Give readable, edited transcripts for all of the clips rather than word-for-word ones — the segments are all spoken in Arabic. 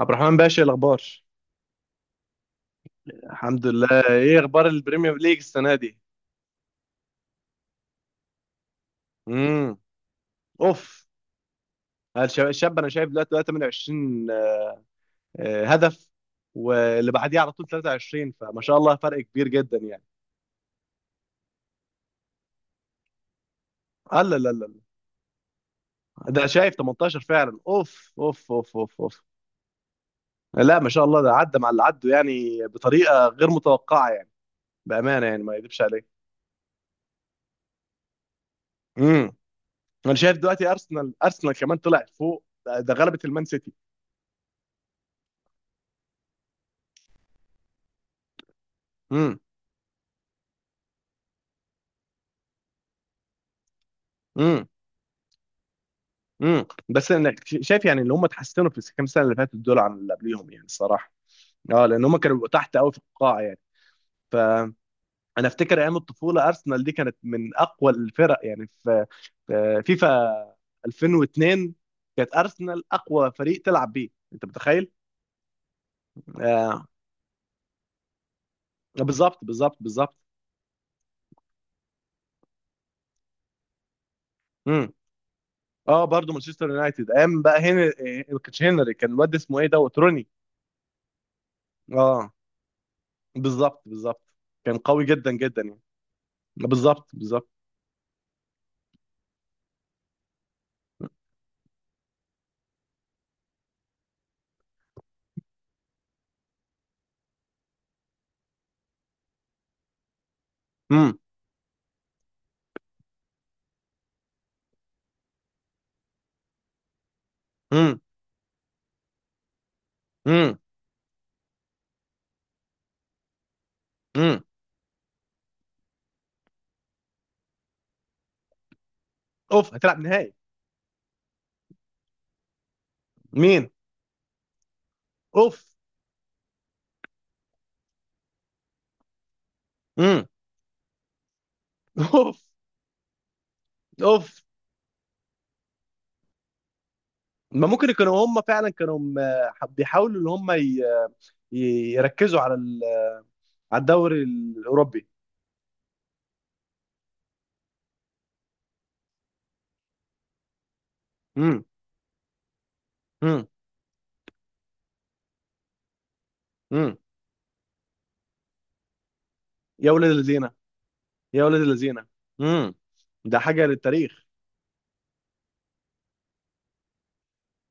عبد الرحمن باشا، إيه الاخبار؟ الحمد لله. ايه اخبار البريمير ليج السنه دي؟ امم. اوف. الشاب انا شايف دلوقتي بقى 28، آه، هدف. واللي بعديه على طول 23، فما شاء الله، فرق كبير جدا يعني. لا، لا، لا. لا. ده شايف 18 فعلا. اوف، اوف، اوف، اوف، اوف. لا، ما شاء الله، ده عدى مع اللي عدوا يعني بطريقه غير متوقعه يعني. بامانه يعني، ما يكذبش عليك. امم. انا شايف دلوقتي ارسنال كمان طلعت فوق، ده غلبت المان سيتي. امم. بس انا شايف يعني اللي هم اتحسنوا في الكام سنه اللي فاتت دول عن اللي قبليهم يعني الصراحه. اه، لان هم كانوا بيبقوا تحت قوي في القاع يعني. فانا افتكر ايام الطفوله ارسنال دي كانت من اقوى الفرق يعني، في فيفا 2002 كانت ارسنال اقوى فريق تلعب بيه، انت متخيل. آه، بالظبط، بالظبط، بالظبط. امم. اه، برضه مانشستر يونايتد ايام بقى هنا، كان هنري، كان الواد اسمه ايه، دوت روني. اه، بالظبط، بالظبط. كان قوي جدا جدا يعني. بالظبط، بالظبط. امم، امم، امم. اوف، هتلعب نهائي. مين؟ اوف. امم. اوف. اوف. ما ممكن يكونوا هم فعلا كانوا بيحاولوا ان هم يركزوا على على الدوري الاوروبي. امم، امم، امم. يا ولاد الذين. يا ولاد الذين. امم. ده حاجه للتاريخ.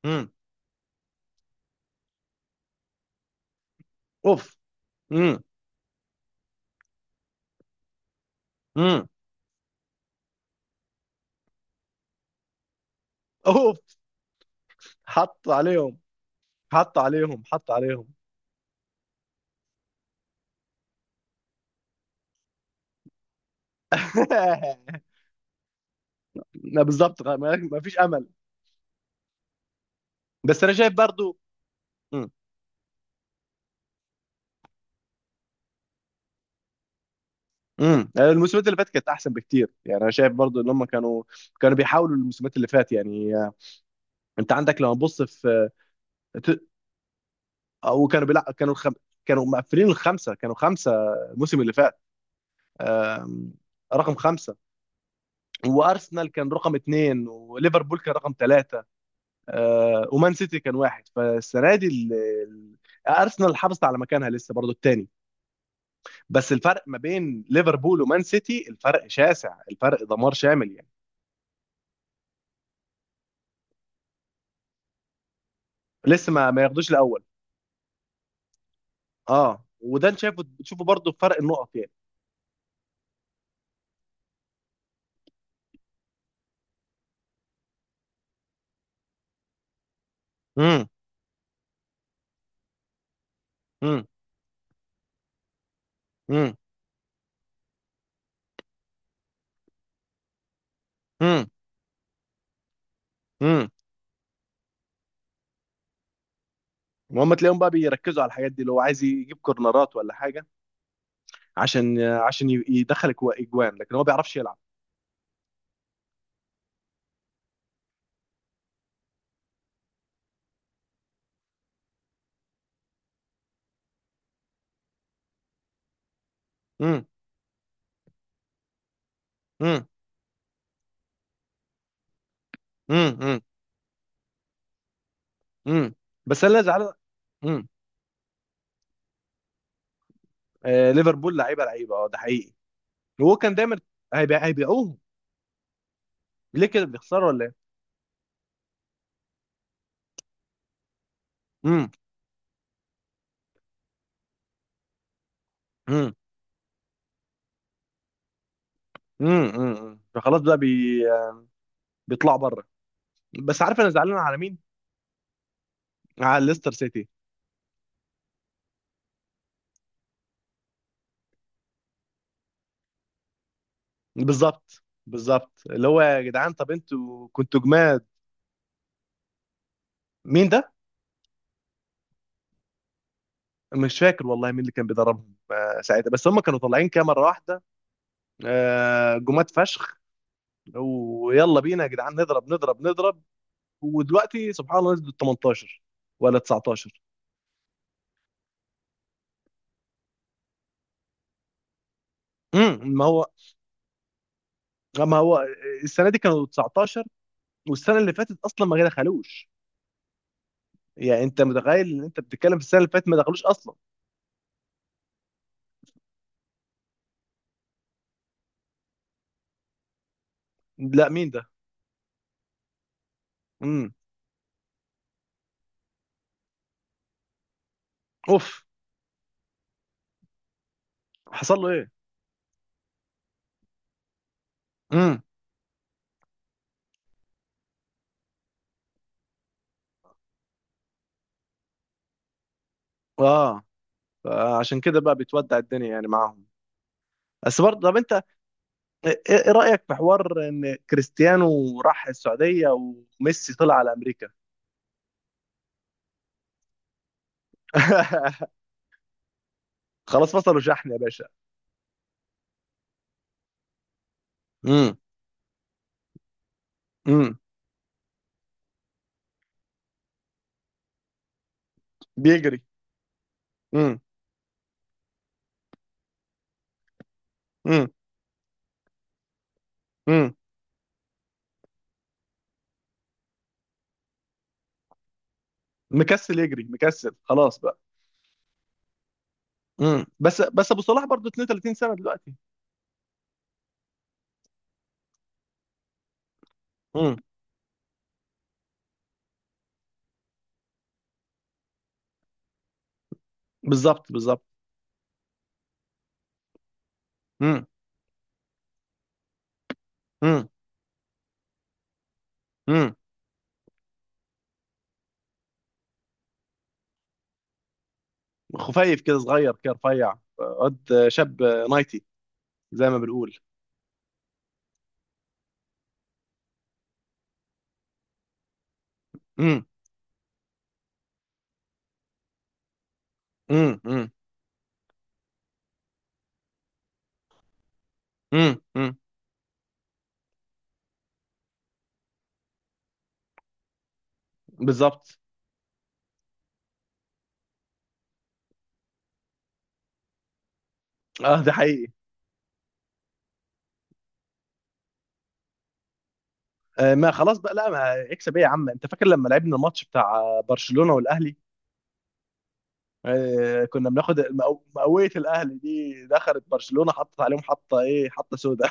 امم. اوف. امم. امم. اوف. حط عليهم، حط عليهم، حط عليهم. لا، بالظبط. ما فيش امل. بس انا شايف برضو. امم. الموسمات اللي فاتت كانت احسن بكتير يعني، انا شايف برضو ان هم كانوا، كانوا بيحاولوا الموسمات اللي فات يعني آه، انت عندك لما تبص في ت- او كانوا بيلع... كانوا الخم... كانوا مقفلين الخمسه، كانوا خمسه الموسم اللي فات. آم، رقم خمسه، وارسنال كان رقم اثنين، وليفربول كان رقم ثلاثه، ومان سيتي كان واحد. فالسنه دي ال- ارسنال حافظت على مكانها لسه برضو الثاني. بس الفرق ما بين ليفربول ومان سيتي الفرق شاسع، الفرق دمار شامل يعني. لسه ما ياخدوش الاول. اه، وده انت شايفه، بتشوفه برضه في فرق النقط يعني. امم، امم، امم، امم، امم. وهم تلاقيهم بقى بيركزوا على الحاجات دي، اللي هو عايز يجيب كورنرات ولا حاجه، عشان يدخل اجوان، لكن هو ما بيعرفش يلعب. امم، امم، امم، امم. بس انا اللي زعلان. امم. آه، ليفربول لعيبه لعيبه، اه، ده حقيقي. وهو كان دايما. هيبيعوهم. ليه كده بيخسروا ولا ايه؟ امم، امم، امم. فخلاص بقى بيطلعوا بره. بس عارف انا زعلان على مين؟ على ليستر سيتي. بالظبط، بالظبط. اللي هو يا جدعان، طب انتوا كنتوا جماد. مين ده؟ مش فاكر والله مين اللي كان بيدربهم آه، ساعتها، بس هم كانوا طالعين كده مره واحده. آه، جماد فشخ. ويلا بينا يا جدعان، نضرب، نضرب، نضرب. ودلوقتي سبحان الله نزلوا 18 ولا 19. امم. ما هو السنه دي كانوا 19، والسنه اللي فاتت اصلا ما دخلوش. يعني انت متخيل ان انت بتتكلم في السنه اللي فاتت ما دخلوش اصلا. لا، مين ده؟ امم. اوف. حصل له ايه؟ امم. اه، فعشان كده بقى بتودع الدنيا يعني معاهم. بس برضه طب انت، ايه، إيه رأيك في حوار ان كريستيانو راح السعودية وميسي طلع على امريكا. خلاص، فصلوا شحن يا باشا. امم، امم. بيجري. امم، امم، امم. مكسل يجري، مكسل، خلاص بقى. امم. بس ابو صلاح برضه 32 سنة دلوقتي. امم. بالظبط، بالظبط. امم، امم، امم. خفيف كده، صغير كده، رفيع قد شاب نايتي، زي ما بنقول. امم، امم، امم، امم. بالظبط. اه، ده حقيقي. آه، ما خلاص بقى، لا ما اكسب ايه يا عم. انت فاكر لما لعبنا الماتش بتاع برشلونة والاهلي؟ آه، كنا بناخد مقاوية، الاهلي دي دخلت برشلونة، حطت عليهم حطة ايه، حطة سوداء.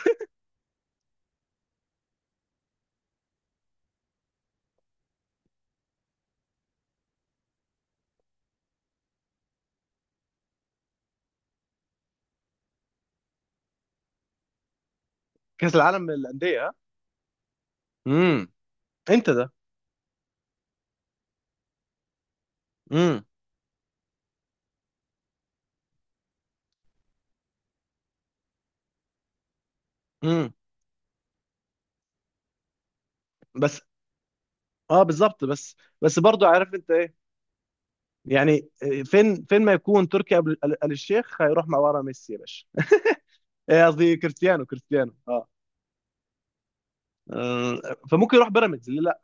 كأس العالم للأندية، ها. امم. انت ده. امم، امم. بس، اه، بالظبط. بس، بس برضو، عارف انت ايه، يعني آه، فين ما يكون تركي آل الشيخ هيروح مع ورا ميسي يا باشا. آه، قصدي كريستيانو، كريستيانو اه. آه، فممكن يروح بيراميدز، ليه لا.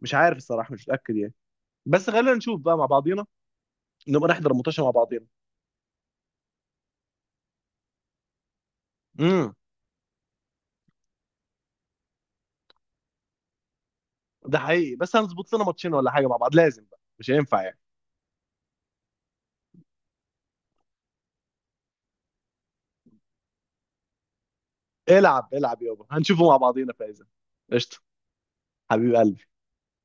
مش عارف الصراحة، مش متأكد يعني. بس خلينا نشوف بقى مع بعضينا، نبقى نحضر الماتش مع بعضينا. امم. ده حقيقي، بس هنظبط لنا ماتشين ولا حاجه مع بعض لازم، بقى مش هينفع يعني. العب العب يابا، هنشوفه مع بعضينا. فايزه. قشطه. حبيب قلبي.